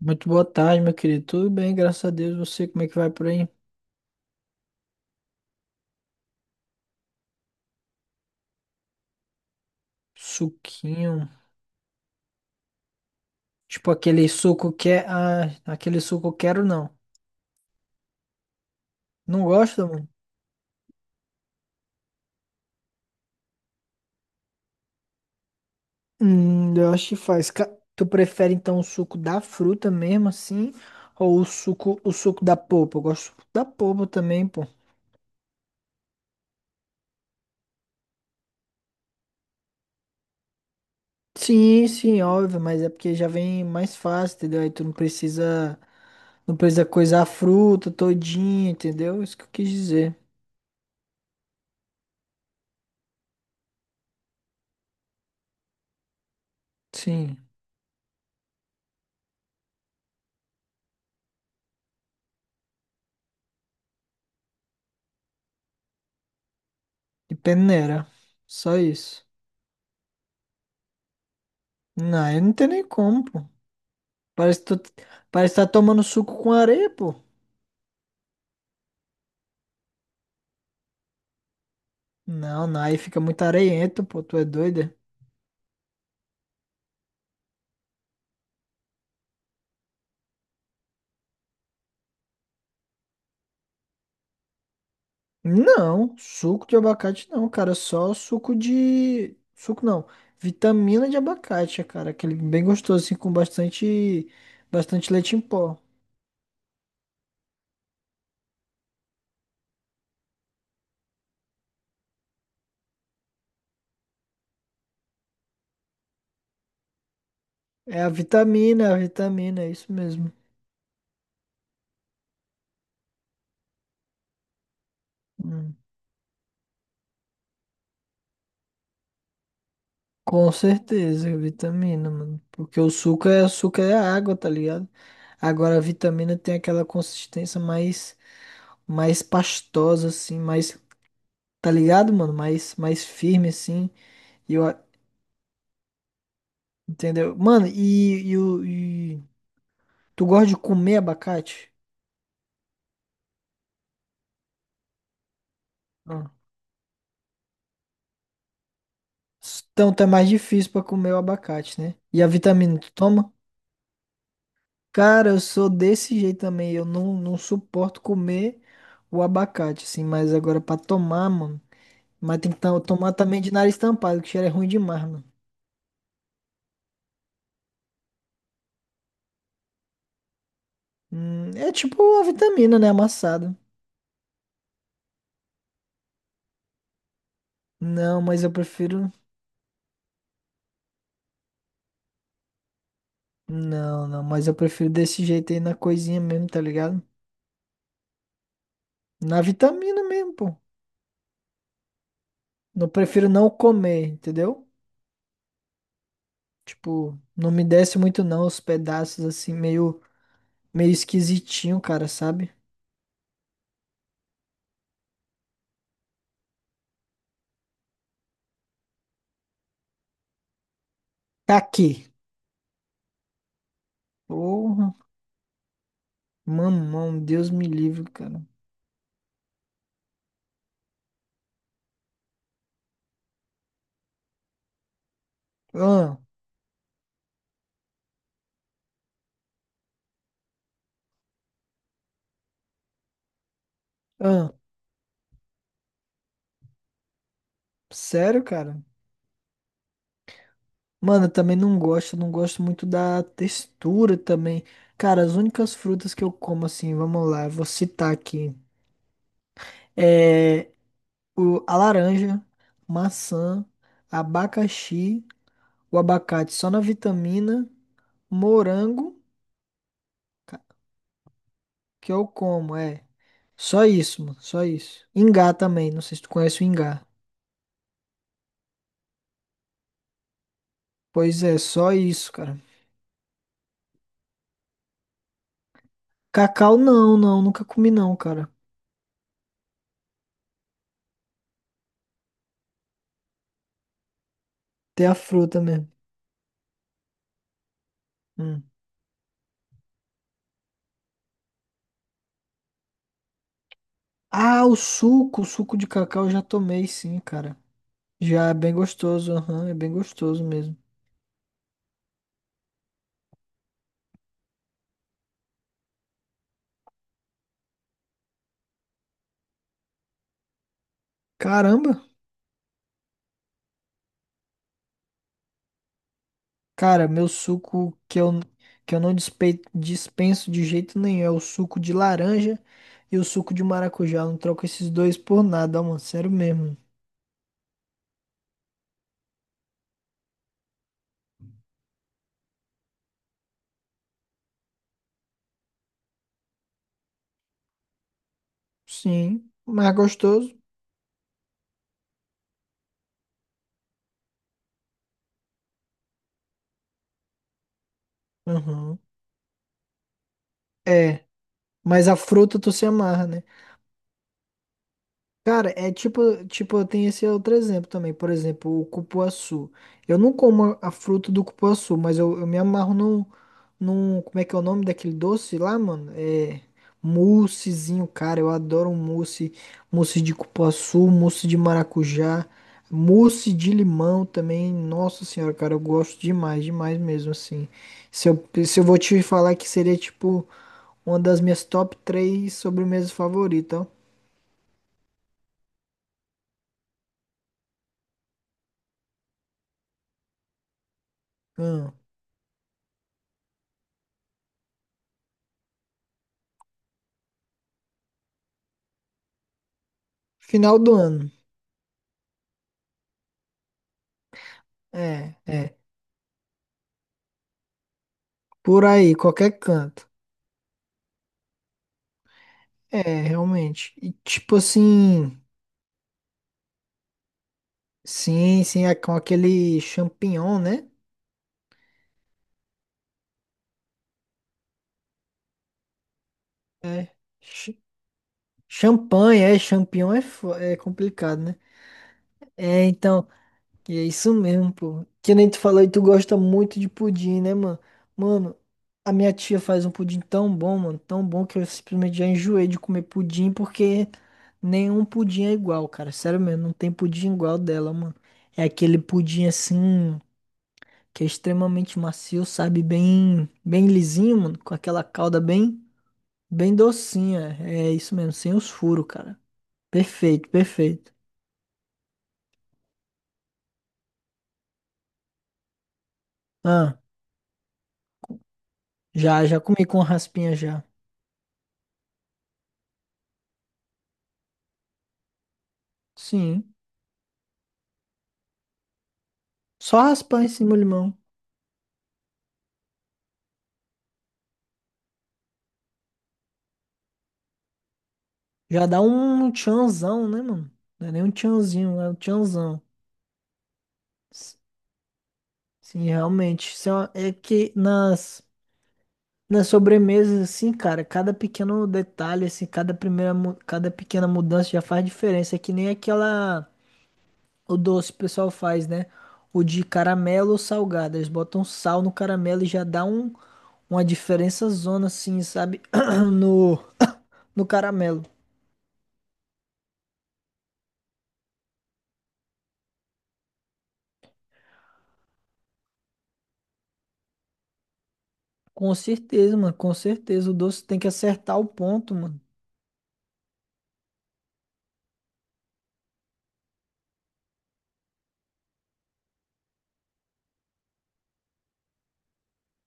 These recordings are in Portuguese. Muito boa tarde, meu querido. Tudo bem, graças a Deus. Você, como é que vai por aí? Suquinho. Tipo aquele suco que é. Ah, aquele suco eu quero não. Não gosta, mano? Eu acho que faz. Ca- Tu prefere então o suco da fruta mesmo, assim? Ou o suco da polpa? Eu gosto do suco da polpa também, pô. Sim, sim, óbvio, mas é porque já vem mais fácil, entendeu? Aí tu não precisa. Não precisa coisar a fruta todinha, entendeu? Isso que eu quis dizer. Sim. E peneira. Só isso. Não, aí não tem nem como, pô. Parece que tu, parece que tá tomando suco com areia, pô. Não, não, aí fica muito areiento, pô. Tu é doida? Não, suco de abacate não, cara. Só suco de. Suco não. Vitamina de abacate, cara. Aquele bem gostoso, assim, com bastante. Bastante leite em pó. É a vitamina, é a vitamina, é isso mesmo. Hum. Com certeza, vitamina, mano. Porque o suco é água, tá ligado? Agora a vitamina tem aquela consistência mais mais pastosa assim, mais, tá ligado, mano? Mais mais firme assim. E eu, a- entendeu? Mano, e tu gosta de comer abacate? Ah. Então tá mais difícil pra comer o abacate, né? E a vitamina tu toma? Cara, eu sou desse jeito também. Eu não suporto comer o abacate, assim, mas agora pra tomar, mano. Mas tem que tam- tomar também de nariz tampado, que cheiro é ruim demais, mano. É tipo a vitamina, né? Amassado. Não, mas eu prefiro. Não, não, mas eu prefiro desse jeito aí na coisinha mesmo, tá ligado? Na vitamina mesmo, pô. Eu prefiro não comer, entendeu? Tipo, não me desce muito não os pedaços assim, meio, meio esquisitinho, cara, sabe? Tá aqui. Porra. Mamão, Deus me livre, cara. Ah, ah, sério, cara? Mano, eu também não gosto, não gosto muito da textura também. Cara, as únicas frutas que eu como assim, vamos lá, eu vou citar aqui. É o, a laranja, maçã, abacaxi, o abacate só na vitamina, morango, ca- que eu como, é. Só isso, mano, só isso. Ingá também, não sei se tu conhece o ingá. Pois é, só isso, cara. Cacau não, nunca comi não, cara. Até a fruta mesmo. Hum. Ah, o suco de cacau eu já tomei, sim, cara. Já é bem gostoso, aham, é bem gostoso mesmo. Caramba, cara, meu suco que eu não dispe- dispenso de jeito nenhum é o suco de laranja e o suco de maracujá. Eu não troco esses dois por nada, ó, mano, sério mesmo. Sim, mais gostoso. Aham. É, mas a fruta tu se amarra, né? Cara, é tipo, tem esse outro exemplo também, por exemplo, o cupuaçu. Eu não como a fruta do cupuaçu, mas eu me amarro num, num, como é que é o nome daquele doce lá, mano? É moussezinho, cara, eu adoro um mousse, mousse de cupuaçu, mousse de maracujá, mousse de limão também. Nossa senhora, cara, eu gosto demais, demais mesmo, assim. Se eu vou te falar que seria, tipo, uma das minhas top três sobremesas favoritas, ó. Hum. Final do ano. É, é. Por aí, qualquer canto. É, realmente. E tipo assim, sim, sim, é com aquele champignon, né? É. Ch- Champanhe, é, champignon é, fo- é complicado, né? É, então. E é isso mesmo, pô. Que nem tu falou e tu gosta muito de pudim, né, mano? Mano, a minha tia faz um pudim tão bom, mano, tão bom que eu simplesmente já enjoei de comer pudim porque nenhum pudim é igual, cara. Sério mesmo, não tem pudim igual dela, mano. É aquele pudim assim que é extremamente macio, sabe? Bem, bem lisinho, mano, com aquela calda bem, bem docinha. É isso mesmo, sem os furos, cara. Perfeito, perfeito. Ah, já, já comi com raspinha já. Sim. Só raspar em cima o limão. Já dá um tchanzão, né, mano? Não é nem um tchanzinho, é um tchanzão. S- Sim, realmente. Isso é, uma- é que nas, nas sobremesas, assim, cara, cada pequeno detalhe, assim, cada primeira, mu- cada pequena mudança já faz diferença. É que nem aquela, o doce que o pessoal faz, né? O de caramelo ou salgado. Eles botam sal no caramelo e já dá um, uma diferença zona, assim, sabe? No, no caramelo. Com certeza, mano, com certeza. O doce tem que acertar o ponto, mano.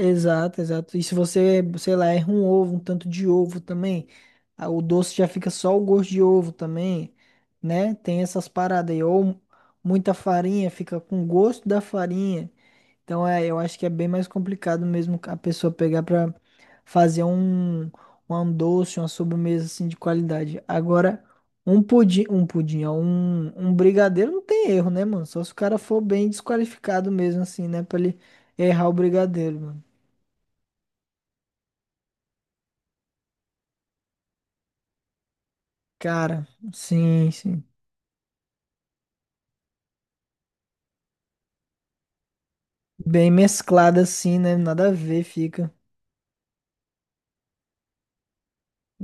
Exato, exato. E se você, sei lá, erra um ovo, um tanto de ovo também, a- o doce já fica só o gosto de ovo também, né? Tem essas paradas aí. Ou muita farinha, fica com o gosto da farinha. Então, é, eu acho que é bem mais complicado mesmo a pessoa pegar pra fazer um, um doce, uma sobremesa assim de qualidade. Agora, um pudim, um brigadeiro não tem erro, né, mano? Só se o cara for bem desqualificado mesmo, assim, né, pra ele errar o brigadeiro, mano. Cara, sim, sim. Bem mesclado assim, né? Nada a ver, fica.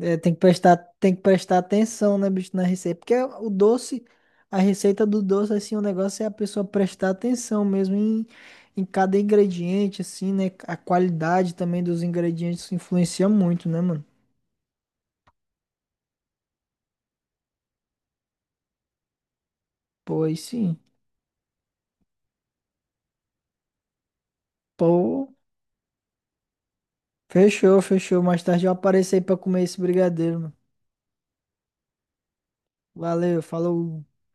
É, tem que prestar atenção, né, bicho, na receita. Porque o doce, a receita do doce, assim, o negócio é a pessoa prestar atenção mesmo em, em cada ingrediente, assim, né? A qualidade também dos ingredientes influencia muito, né, mano? Pois sim. Pô, fechou, fechou. Mais tarde eu apareço aí pra comer esse brigadeiro, mano. Valeu, falou.